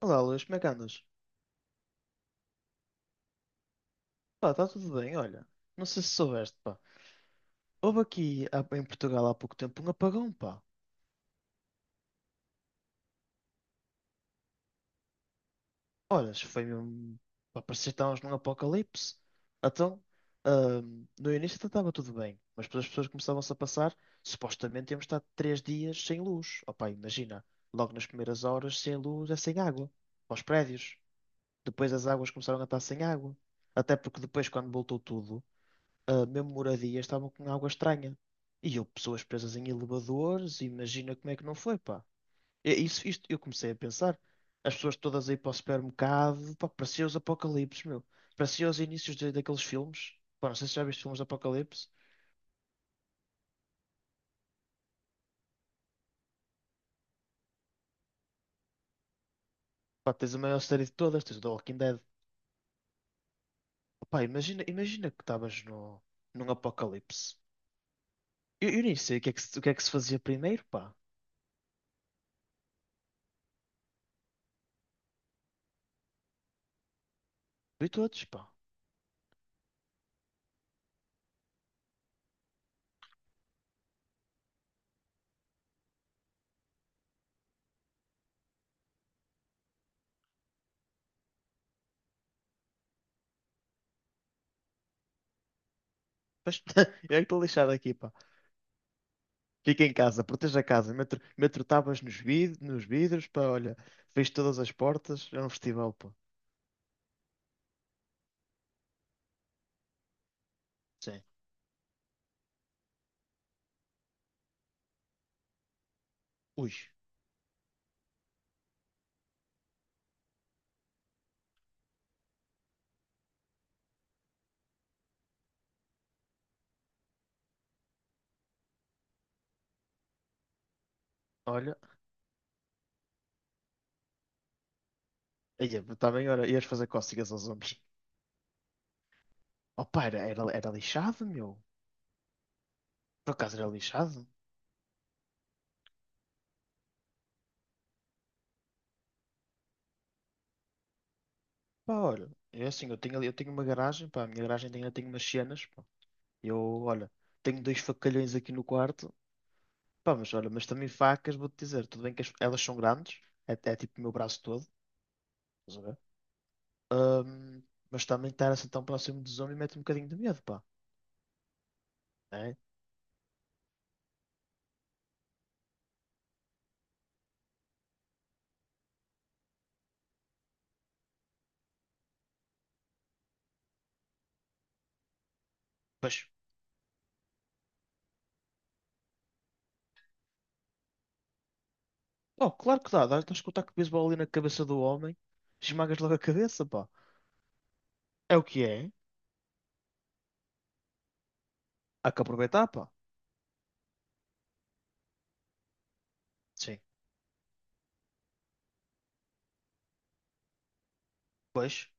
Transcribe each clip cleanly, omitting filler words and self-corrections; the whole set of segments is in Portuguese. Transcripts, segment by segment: Olá, Luís, como é que andas? Pá, está tudo bem, olha. Não sei se soubeste, pá. Houve aqui em Portugal há pouco tempo um apagão, pá. Olha, isso foi mesmo. Pá, parecia que estávamos num apocalipse. Então, no início até estava tudo bem, mas depois as pessoas começavam-se a passar. Supostamente íamos estar 3 dias sem luz. Oh, pá, imagina. Logo nas primeiras horas, sem luz é sem água. Para os prédios. Depois as águas começaram a estar sem água. Até porque depois, quando voltou tudo. Mesmo moradias, estavam com água estranha. E eu, pessoas presas em elevadores, imagina como é que não foi, pá. É isso, isto, eu comecei a pensar. As pessoas todas aí para o supermercado, pá, parecia os apocalipses, meu. Parecia os inícios daqueles filmes. Pá, não sei se já viste filmes de apocalipse. Pá, tens a maior série de todas, tens o The Walking Dead. Pá, imagina, imagina que estavas no, num apocalipse. Eu nem sei o que é que se fazia primeiro, pá. Vi todos, pá. Mas eu é que estou lixado aqui, pá. Fica em casa, proteja a casa, meto tábuas nos vidros, pá, olha, fecho todas as portas, é um festival, pá. Sim. Ui, olha, aí, também, olha, ias fazer cócegas aos homens. Oh, pá, era lixado, meu. Por acaso era lixado? Pá, olha, é assim, eu tenho ali, eu tenho uma garagem, pá, a minha garagem tem, eu tenho umas cenas, pá. Eu, olha, tenho dois facalhões aqui no quarto, pá, mas olha, mas também facas, vou-te dizer, tudo bem que elas são grandes, é tipo o meu braço todo, estás a ver? Ahm, mas também estar assim tão próximo do zombie mete um bocadinho de medo, pá. Né? Mas, oh, claro que dá. Dás com o taco de beisebol ali na cabeça do homem, esmagas logo a cabeça, pá. É o que é. Há que aproveitar, pá. Sim. Pois,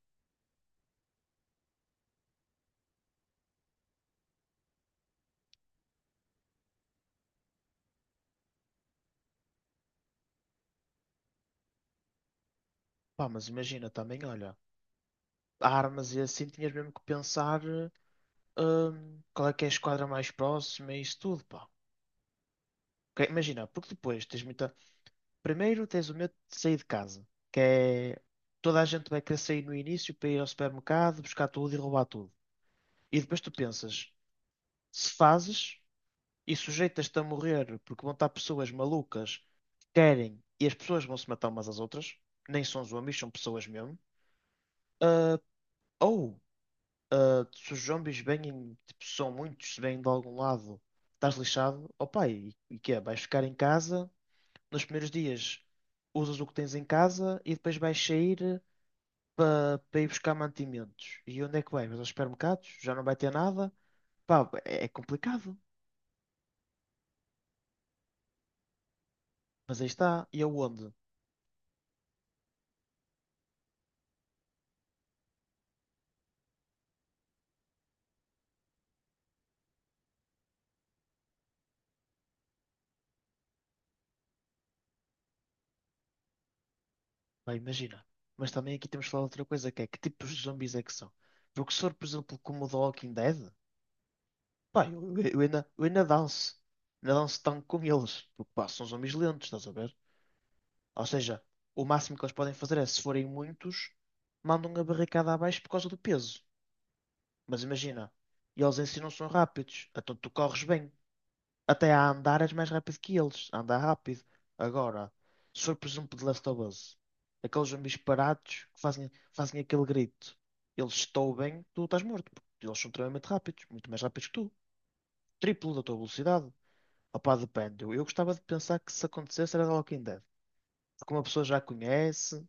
pá, mas imagina também, olha, armas e assim tinhas mesmo que pensar qual é que é a esquadra mais próxima e isso tudo, pá. Ok, imagina, porque depois tens muita. Primeiro tens o medo de sair de casa, que é. Toda a gente vai querer sair no início para ir ao supermercado, buscar tudo e roubar tudo. E depois tu pensas, se fazes e sujeitas-te a morrer porque vão estar pessoas malucas que querem e as pessoas vão se matar umas às outras, nem são zombies, são pessoas mesmo. Ah, ou se os zombies vêm, tipo, são muitos, se vêm de algum lado, estás lixado, opa, e que é? Vais ficar em casa, nos primeiros dias usas o que tens em casa e depois vais sair para ir buscar mantimentos. E onde é que vais? Vais aos supermercados? Já não vai ter nada? Pá, é complicado. Mas aí está, e aonde? Pá, imagina. Mas também aqui temos que falar de outra coisa, que é que tipos de zombies é que são? Porque se for, por exemplo, como o The Walking Dead, pá, eu ainda danço. Ainda danço tanto com eles. Porque, pá, são zombies lentos, estás a ver? Ou seja, o máximo que eles podem fazer é, se forem muitos, mandam a barricada abaixo por causa do peso. Mas imagina, eles em si não são rápidos, então tu corres bem. Até a andar és mais rápido que eles. Anda rápido. Agora, se for por exemplo de Last of Us, aqueles zumbis parados que fazem aquele grito. Eles estão bem, tu estás morto. Porque eles são extremamente rápidos, muito mais rápidos que tu. Triplo da tua velocidade. Opá, depende. Eu gostava de pensar que se acontecesse era The Walking Dead. Porque uma pessoa já conhece.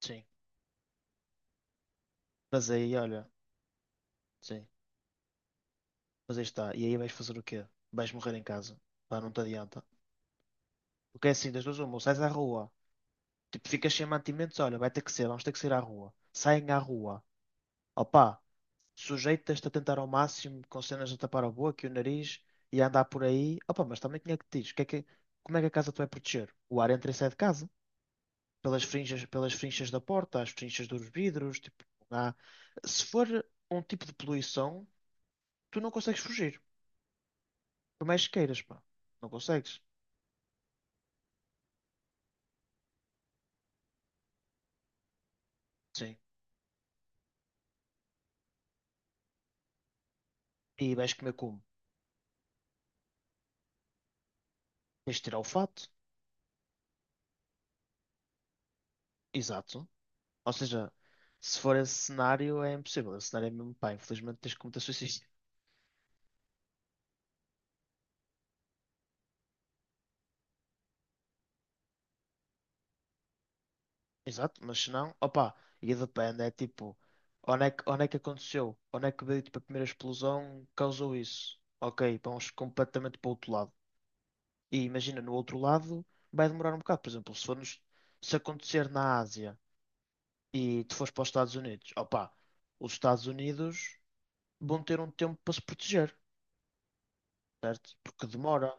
Sim. Mas aí, olha, sim. Mas aí está. E aí vais fazer o quê? Vais morrer em casa. Pá, não te adianta. Porque é assim, das duas uma, ou sais à rua. Tipo, ficas sem mantimentos, olha, vai ter que ser, vamos ter que sair à rua. Saem à rua. Opa, sujeitas-te a tentar ao máximo com cenas a tapar a boca e o nariz e a andar por aí. Opa, mas também tinha que te dizer, o que é que- como é que a casa tu vai proteger? O ar entra e sai de casa. Pelas frinchas da porta, as frinchas dos vidros, tipo, não há. Se for um tipo de poluição, tu não consegues fugir. Por mais que queiras, pá. Não consegues. Sim. E vais comer como? Tens de tirar o fato. Exato. Ou seja, se for esse cenário, é impossível. Esse cenário é mesmo, pá, infelizmente tens que cometer suicídio. Exato, mas se não, opa, e depende, é tipo, onde é que aconteceu? Onde é que veio, tipo, a primeira explosão causou isso? Ok, vamos completamente para o outro lado. E imagina, no outro lado vai demorar um bocado. Por exemplo, se acontecer na Ásia e tu fores para os Estados Unidos, opa, os Estados Unidos vão ter um tempo para se proteger, certo? Porque demora,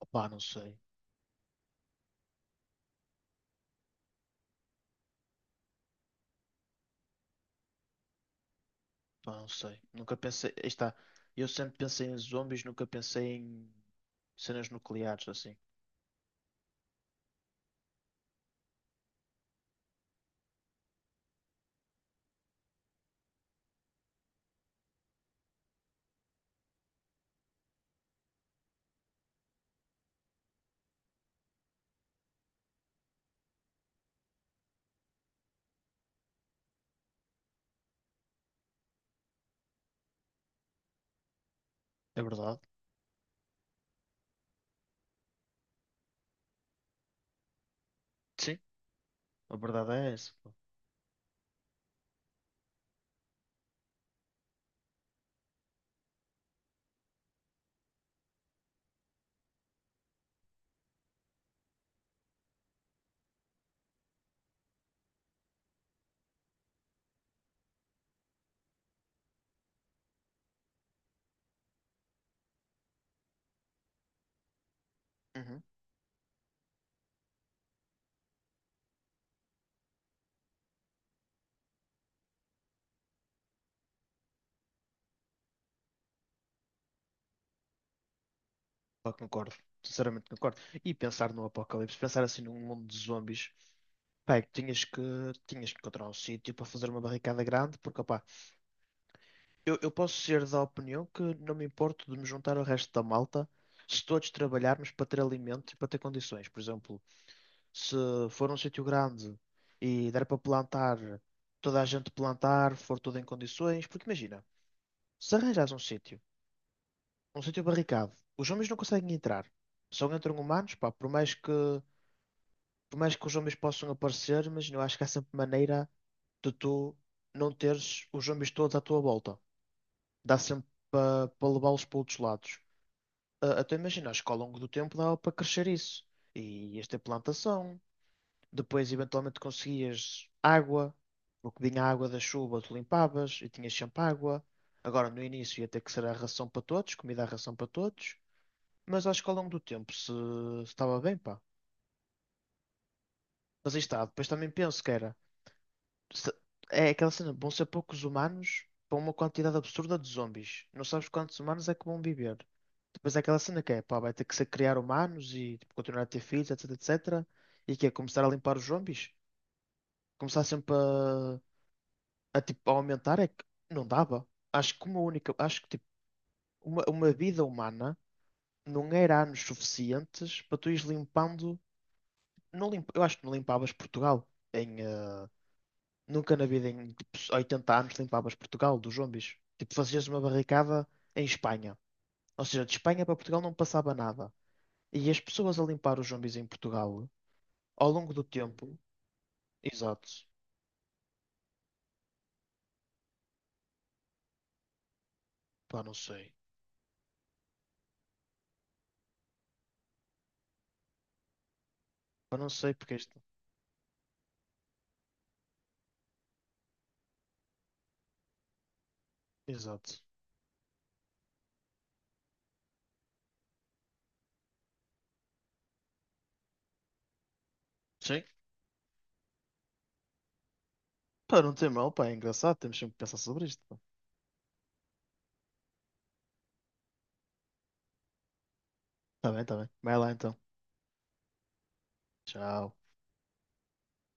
opa, não sei. Pá, não sei. Nunca pensei. Aí está. Eu sempre pensei em zombies, nunca pensei em cenas nucleares, assim. É verdade? Sim, a verdade é essa. Pá, uhum. Pá, concordo. Sinceramente concordo. E pensar no apocalipse, pensar assim num mundo de zombies, pá, é que tinhas que encontrar um sítio para fazer uma barricada grande, porque, opá, eu posso ser da opinião que não me importo de me juntar ao resto da malta se todos trabalharmos para ter alimento e para ter condições. Por exemplo, se for um sítio grande e der para plantar, toda a gente plantar, for tudo em condições, porque imagina, se arranjas um sítio barricado, os homens não conseguem entrar, só entram humanos, pá, por mais que os homens possam aparecer, mas eu acho que há sempre maneira de tu não teres os homens todos à tua volta. Dá sempre para levá-los para outros lados. Até imagina, acho que ao longo do tempo dava para crescer isso. E ias ter plantação. Depois, eventualmente, conseguias água, o que vinha a água da chuva, tu limpavas e tinhas sempre água. Agora, no início, ia ter que ser a ração para todos, comida à ração para todos. Mas acho que ao longo do tempo se estava bem, pá. Mas aí está. Depois também penso que era. se- É aquela cena, vão ser poucos humanos para uma quantidade absurda de zombies. Não sabes quantos humanos é que vão viver. Depois é aquela cena que é, pá, vai ter que ser criar humanos e tipo, continuar a ter filhos, etc, etc. E que é começar a limpar os zombies. Começar sempre a, tipo, a aumentar é que não dava. Acho que uma vida humana não era anos suficientes para tu ires limpando. Não limpa, Eu acho que não limpavas Portugal em nunca na vida em tipo, 80 anos limpavas Portugal dos zombies. Tipo, fazias uma barricada em Espanha. Ou seja, de Espanha para Portugal não passava nada. E as pessoas a limpar os zombies em Portugal, ao longo do tempo, exato. Pá, não sei. Pá, não sei porque isto. Exato. Sim. Pá, não tem mal, pá, é engraçado, temos sempre que pensar sobre isto. Pá. Tá bem, tá bem. Vai lá então. Tchau.